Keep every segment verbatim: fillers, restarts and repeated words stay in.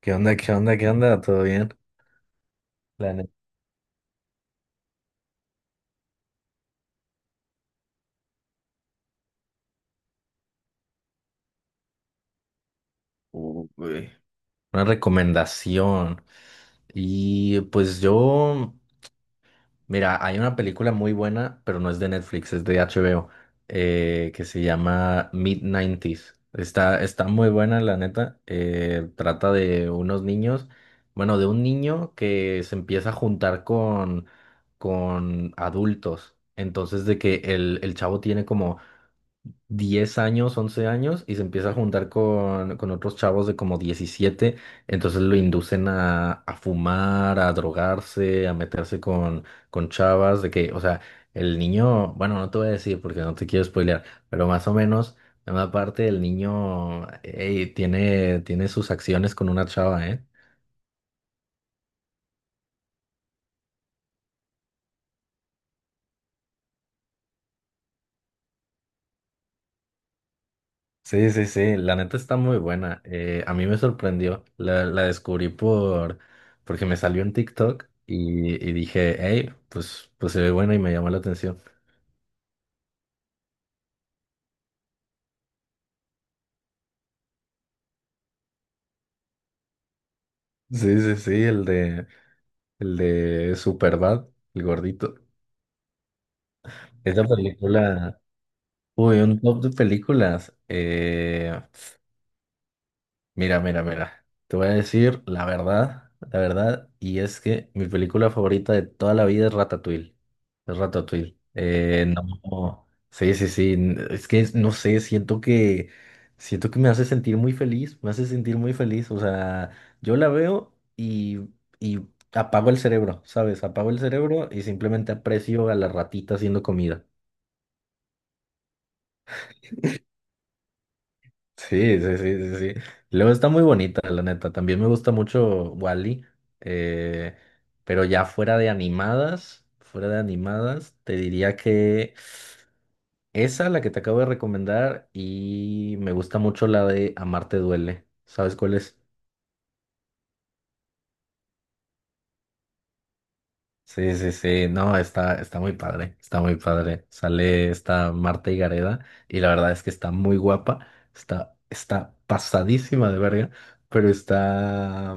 ¿Qué onda? ¿Qué onda? ¿Qué onda? ¿Todo bien? La neta. Uy. Una recomendación. Y pues yo, mira, hay una película muy buena, pero no es de Netflix, es de H B O, eh, que se llama mid noventa. Está, está muy buena, la neta. Eh, trata de unos niños, bueno, de un niño que se empieza a juntar con, con adultos. Entonces, de que el, el chavo tiene como diez años, once años, y se empieza a juntar con, con otros chavos de como diecisiete. Entonces lo inducen a, a fumar, a drogarse, a meterse con, con chavas. De que, o sea, el niño, bueno, no te voy a decir porque no te quiero spoilear, pero más o menos, en una parte el niño ey, tiene, tiene sus acciones con una chava, ¿eh? Sí, sí, sí, la neta está muy buena. Eh, a mí me sorprendió, la, la descubrí por, porque me salió en TikTok y, y dije, hey, pues, pues se ve buena y me llamó la atención. Sí, sí, sí, el de, el de Superbad, el gordito. Esa película, uy, un top de películas. Eh, Mira, mira, mira. Te voy a decir la verdad, la verdad, y es que mi película favorita de toda la vida es Ratatouille. Es Ratatouille. Eh, no, sí, sí, sí. n- Es que no sé, siento que siento que me hace sentir muy feliz, me hace sentir muy feliz. O sea, yo la veo y, y apago el cerebro, ¿sabes? Apago el cerebro y simplemente aprecio a la ratita haciendo comida. Sí, sí, sí, sí, sí. Luego está muy bonita, la neta. También me gusta mucho Wally, pero ya fuera de animadas, fuera de animadas, te diría que esa, la que te acabo de recomendar, y me gusta mucho la de Amarte duele. ¿Sabes cuál es? Sí, sí, sí. No, está, está muy padre, está muy padre. Sale esta Marta Higareda y la verdad es que está muy guapa, está, está pasadísima de verga, pero está.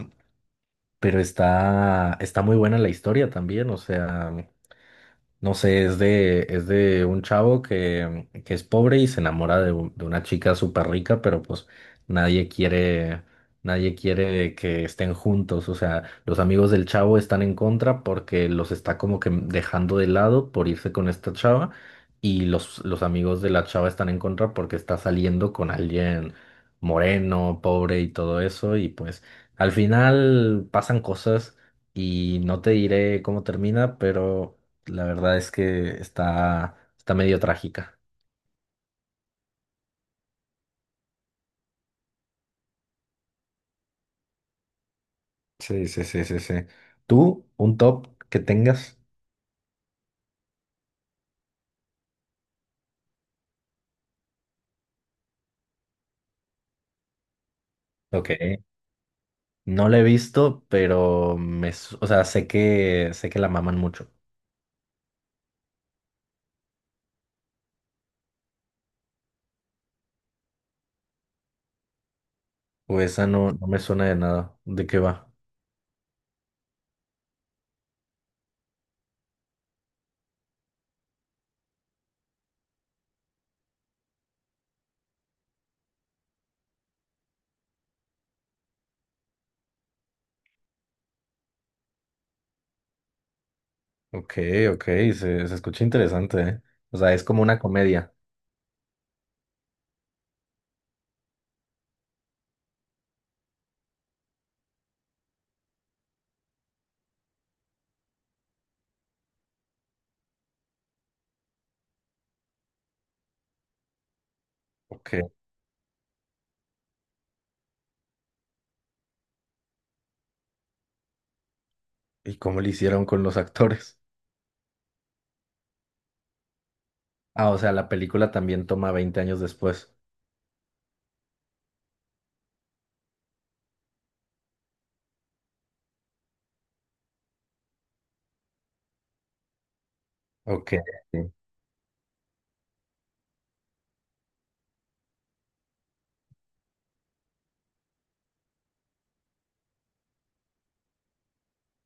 pero está, está muy buena la historia también. O sea, no sé, es de, es de un chavo que, que es pobre y se enamora de, un- de una chica súper rica, pero pues nadie quiere, nadie quiere que estén juntos. O sea, los amigos del chavo están en contra porque los está como que dejando de lado por irse con esta chava, y los, los amigos de la chava están en contra porque está saliendo con alguien moreno, pobre y todo eso. Y pues al final pasan cosas y no te diré cómo termina, pero... la verdad es que está, está medio trágica. Sí, sí, sí, sí, sí. ¿Tú un top que tengas? Ok. No la he visto, pero me, su- o sea, sé que, sé que la maman mucho. O esa no, no me suena de nada. ¿De qué va? Ok, ok, se, se escucha interesante, ¿eh? O sea, es como una comedia. Ok. ¿Y cómo le hicieron con los actores? Ah, o sea, la película también toma veinte años después. Ok.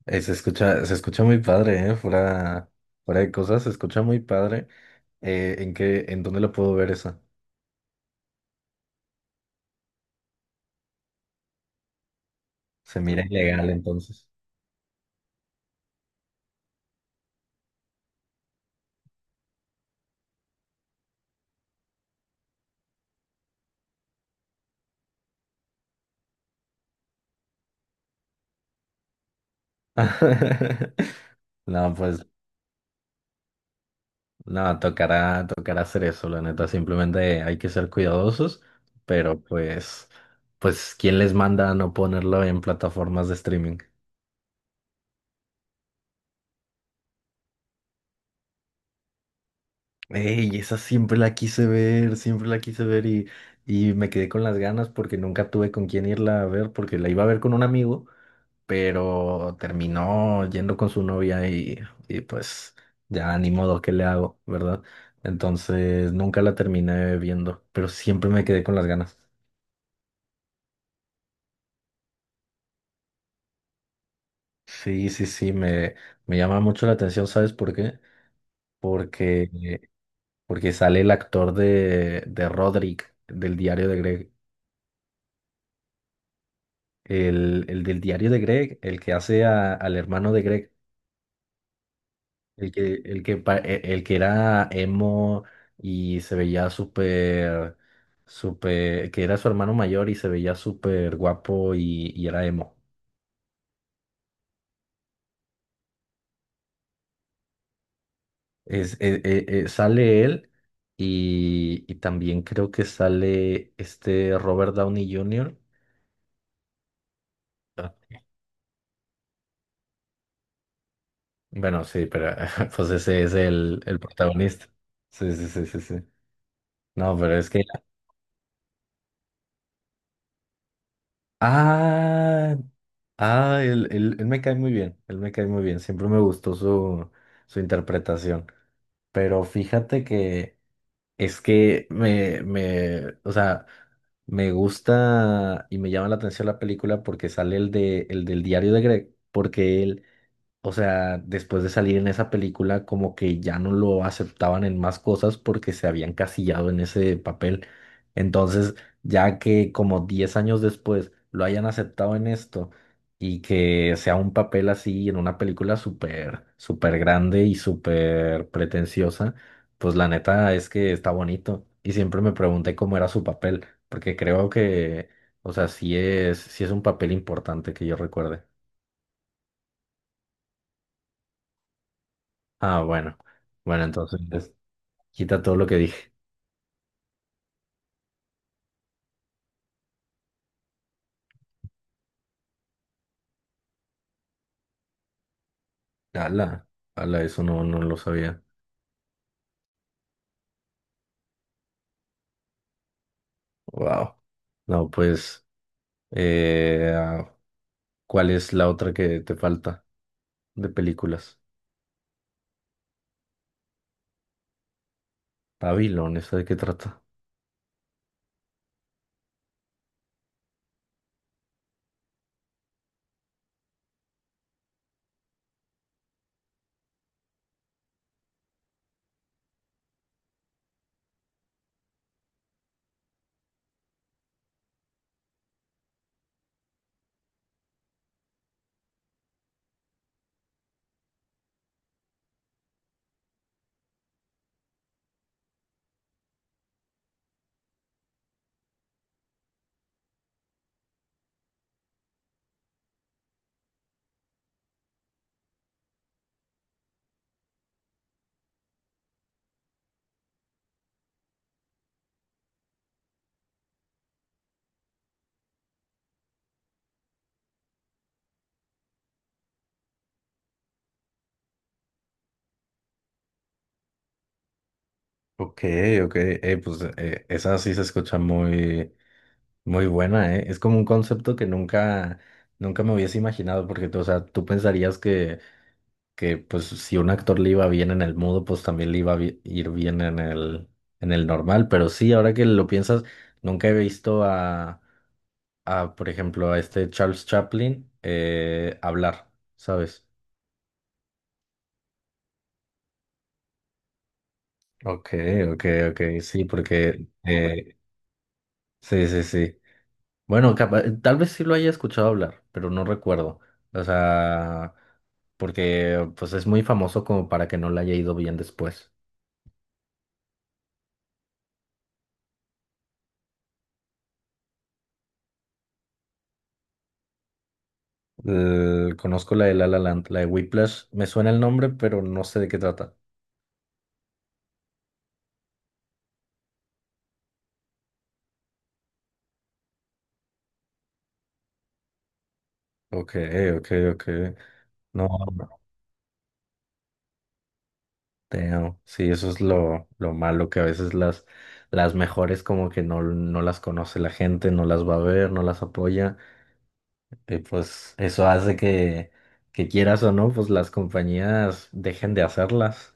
Eh, se escucha, se escucha muy padre, ¿eh? Fuera, fuera de cosas, se escucha muy padre. Eh, ¿en qué, en dónde lo puedo ver eso? Se mira ilegal entonces. No, pues, no, tocará, tocará hacer eso, la neta. Simplemente hay que ser cuidadosos, pero pues, pues, ¿quién les manda a no ponerlo en plataformas de streaming? Ey, esa siempre la quise ver, siempre la quise ver y, y me quedé con las ganas porque nunca tuve con quién irla a ver, porque la iba a ver con un amigo, pero terminó yendo con su novia, y, y pues ya ni modo, ¿qué le hago, verdad? Entonces nunca la terminé viendo, pero siempre me quedé con las ganas. Sí, sí, sí, me, me llama mucho la atención, ¿sabes por qué? Porque, porque sale el actor de, de Roderick, del diario de Greg, el, el del diario de Greg, el que hace a- al hermano de Greg. El que, el que, pa- e- el que era emo y se veía súper, súper, que era su hermano mayor y se veía súper guapo, y, y era emo. Es, e- e- e- Sale él, y, y también creo que sale este Robert Downey junior Ah, bueno, sí, pero pues ese es el, el protagonista. Sí, sí, sí, sí, sí. No, pero es que... Ah, ah, él, él- él me cae muy bien, él me cae muy bien, siempre me gustó su, su interpretación, pero fíjate que es que me, me, o sea, me gusta y me llama la atención la película porque sale el de, el del diario de Greg. Porque él, o sea, después de salir en esa película, como que ya no lo aceptaban en más cosas porque se habían casillado en ese papel. Entonces, ya que como diez años después lo hayan aceptado en esto, y que sea un papel así en una película súper, súper grande y súper pretenciosa, pues la neta es que está bonito. Y siempre me pregunté cómo era su papel, porque creo que, o sea, sí es, sí es un papel importante que yo recuerde. Ah, bueno. Bueno, entonces pues, quita todo lo que dije. Ala, ala, eso no, no lo sabía. Wow. No, pues, eh, ah, ¿cuál es la otra que te falta de películas? Babylon, ¿esa de qué trata? Ok, ok. Eh, pues eh, esa sí se escucha muy, muy buena, ¿eh? Es como un concepto que nunca, nunca me hubiese imaginado, porque, tú, o sea, tú pensarías que que pues si un actor le iba bien en el mudo, pues también le iba a bi- ir bien en el, en el normal. Pero sí, ahora que lo piensas, nunca he visto a, a por ejemplo, a este Charles Chaplin eh, hablar, ¿sabes? Ok, ok, ok, sí, porque eh, sí, sí, sí. Bueno, capa- tal vez sí lo haya escuchado hablar, pero no recuerdo. O sea, porque pues es muy famoso como para que no le haya ido bien después. Eh, conozco la de La La Land, la de Whiplash. Me suena el nombre, pero no sé de qué trata. Ok, ok, ok. No, damn. Sí, eso es lo, lo malo, que a veces las, las mejores como que no, no las conoce la gente, no las va a ver, no las apoya. Y pues eso hace que, que quieras o no, pues las compañías dejen de hacerlas.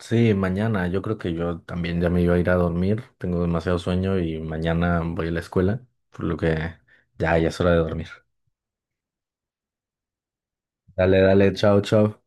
Sí, mañana. Yo creo que yo también ya me iba a ir a dormir. Tengo demasiado sueño y mañana voy a la escuela, por lo que ya, ya es hora de dormir. Dale, dale, chao, chao.